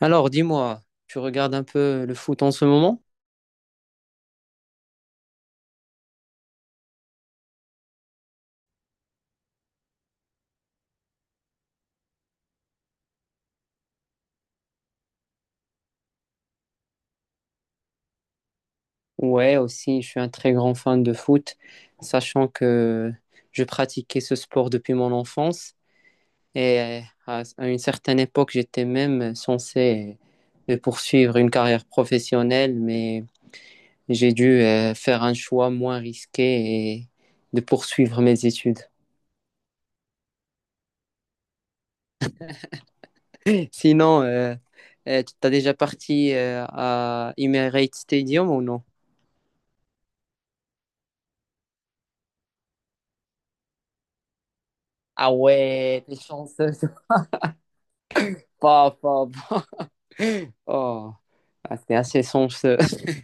Alors, dis-moi, tu regardes un peu le foot en ce moment? Ouais, aussi, je suis un très grand fan de foot, sachant que je pratiquais ce sport depuis mon enfance et à une certaine époque, j'étais même censé poursuivre une carrière professionnelle, mais j'ai dû faire un choix moins risqué et de poursuivre mes études. Sinon, tu t'as déjà parti à Emirates Stadium ou non? Ah ouais, t'es chanceux. Pas, pas. Oh, ah, c'est assez sombre ce.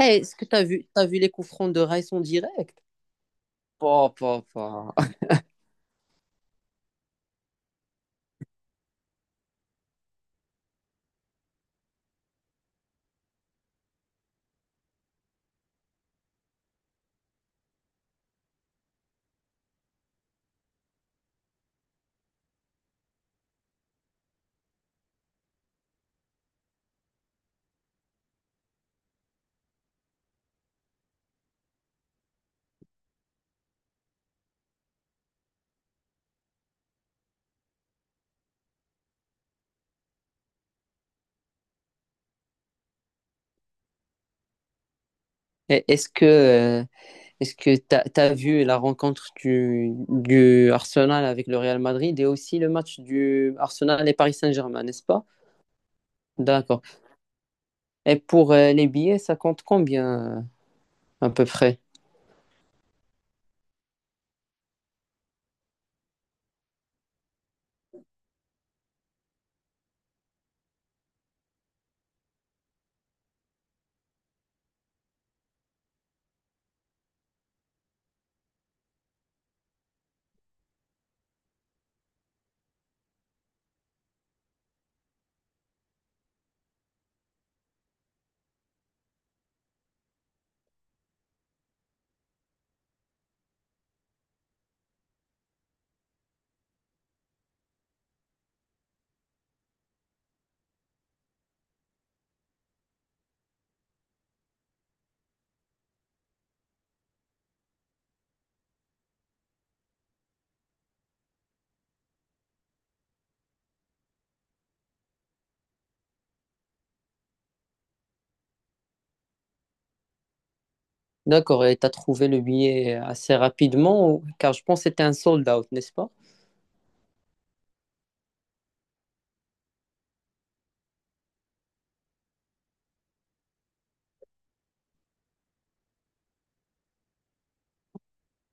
Eh, est-ce que t'as vu les coups francs de Raïs en direct? Pas, pas, pas. Eh, est-ce que, euh, est-ce que t'as, t'as vu la rencontre du Arsenal avec le Real Madrid et aussi le match du Arsenal et Paris Saint-Germain, n'est-ce pas? D'accord. Et pour les billets, ça compte combien à peu près? D'accord. Et t'as trouvé le billet assez rapidement, ou- car je pense que c'était un sold out, n'est-ce pas?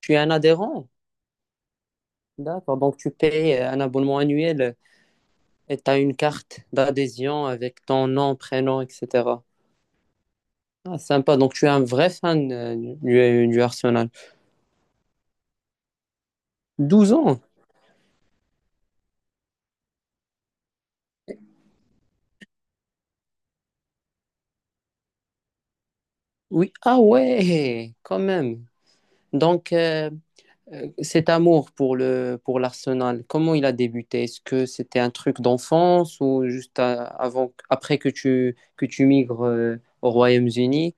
Tu es un adhérent? D'accord, donc tu payes un abonnement annuel et tu as une carte d'adhésion avec ton nom, prénom, etc. Ah, sympa, donc tu es un vrai fan du Arsenal. Douze ans? Oui, ah ouais, quand même. Donc cet amour pour le, pour l'Arsenal, comment il a débuté? Est-ce que c'était un truc d'enfance ou juste à- avant, après que tu migres au Royaume-Uni?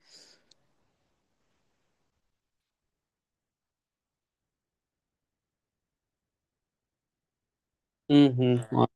Mhm, ouais.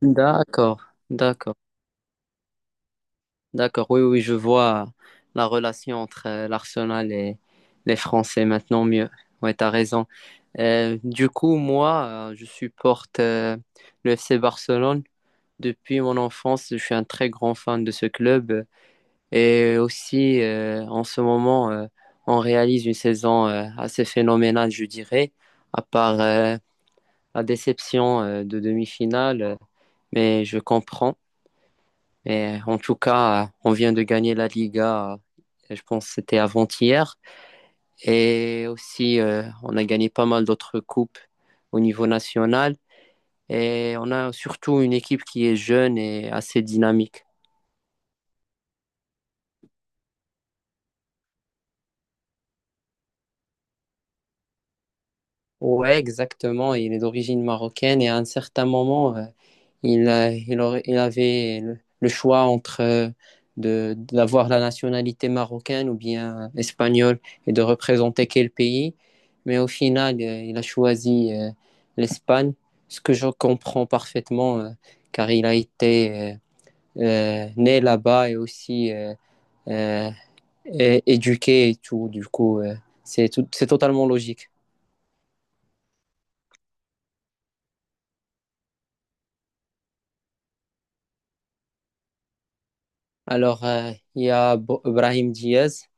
D'accord, d'accord. D'accord, oui, oui, je vois la relation entre l'Arsenal et les Français maintenant mieux. Ouais, t'as raison. Du coup, moi, je supporte le FC Barcelone. Depuis mon enfance, je suis un très grand fan de ce club. Et aussi, en ce moment, on réalise une saison assez phénoménale, je dirais, à part la déception de demi-finale. Mais je comprends. Mais en tout cas, on vient de gagner la Liga, je pense que c'était avant-hier. Et aussi, on a gagné pas mal d'autres coupes au niveau national. Et on a surtout une équipe qui est jeune et assez dynamique. Ouais, exactement. Il est d'origine marocaine et à un certain moment, Il, a- il aurait- il avait le choix entre d'avoir la nationalité marocaine ou bien espagnole et de représenter quel pays. Mais au final, il a choisi l'Espagne, ce que je comprends parfaitement, car il a été né là-bas et aussi euh, éduqué et tout. Du coup, c'est totalement logique. Alors, il y a Brahim Diaz,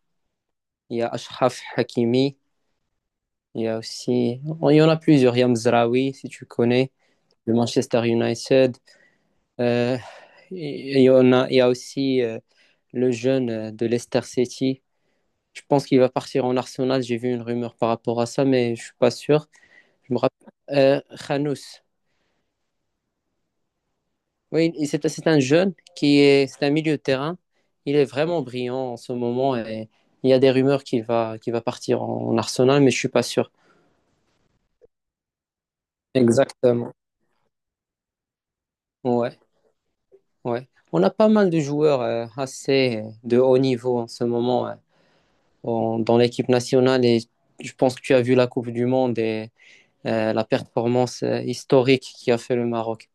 il y a Achraf Hakimi. Il y a aussi, oh, il y en a plusieurs. Il y a Mzraoui, si tu connais, le Manchester United. Euh, il y a aussi le jeune de Leicester City. Je pense qu'il va partir en Arsenal. J'ai vu une rumeur par rapport à ça, mais je suis pas sûr. Je me rappelle. Khanous. Oui, et c'est un jeune qui est, c'est un milieu de terrain. Il est vraiment brillant en ce moment et il y a des rumeurs qu'il va partir en Arsenal, mais je suis pas sûr. Exactement. Ouais. Ouais. On a pas mal de joueurs assez de haut niveau en ce moment dans l'équipe nationale et je pense que tu as vu la Coupe du Monde et la performance historique qui a fait le Maroc.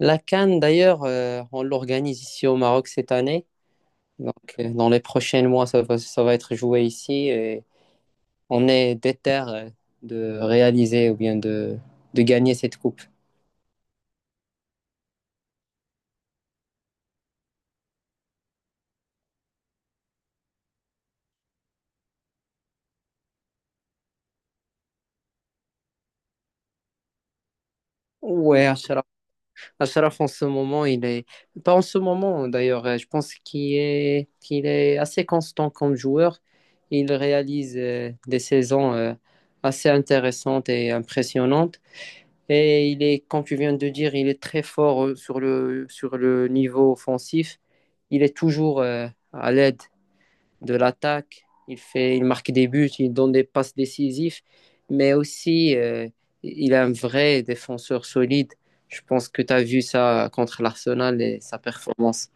La CAN d'ailleurs, on l'organise ici au Maroc cette année. Donc dans les prochains mois, ça va être joué ici et on est déter de réaliser ou bien de gagner cette coupe. Ouais, Ashraf, en ce moment, il est. Pas en ce moment, d'ailleurs. Je pense qu'il est assez constant comme joueur. Il réalise des saisons assez intéressantes et impressionnantes. Et il est, comme tu viens de dire, il est très fort sur le niveau offensif. Il est toujours à l'aide de l'attaque. Il, fait, il marque des buts, il donne des passes décisives, mais aussi il est un vrai défenseur solide. Je pense que tu as vu ça contre l'Arsenal et sa performance.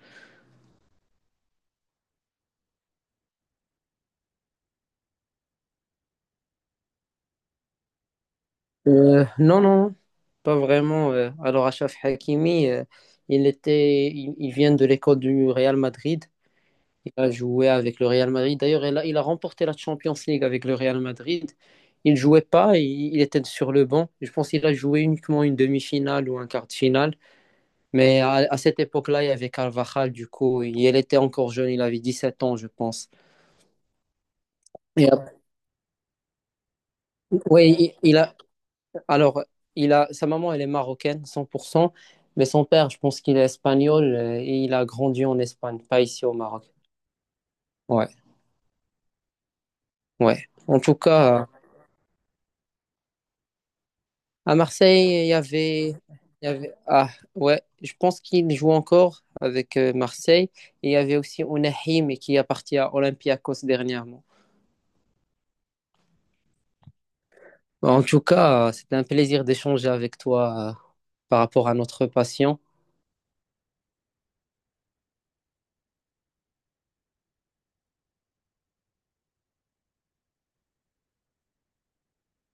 Non, non, pas vraiment. Alors, Achraf Hakimi, il était, il vient de l'école du Real Madrid. Il a joué avec le Real Madrid. D'ailleurs, il a remporté la Champions League avec le Real Madrid. Il jouait pas, il était sur le banc. Je pense qu'il a joué uniquement une demi-finale ou un quart de finale. Mais à cette époque-là, il y avait Carvajal, du coup, il était encore jeune, il avait 17 ans, je pense. Et après- oui, il a, alors, il a, sa maman, elle est marocaine, 100%, mais son père, je pense qu'il est espagnol et il a grandi en Espagne, pas ici au Maroc. Ouais, ouais. En tout cas, à Marseille, il y avait, ah, ouais, je pense qu'il joue encore avec Marseille. Et il y avait aussi Ounahim qui est parti à Olympiakos dernièrement. Bah, en tout cas, c'était un plaisir d'échanger avec toi par rapport à notre patient.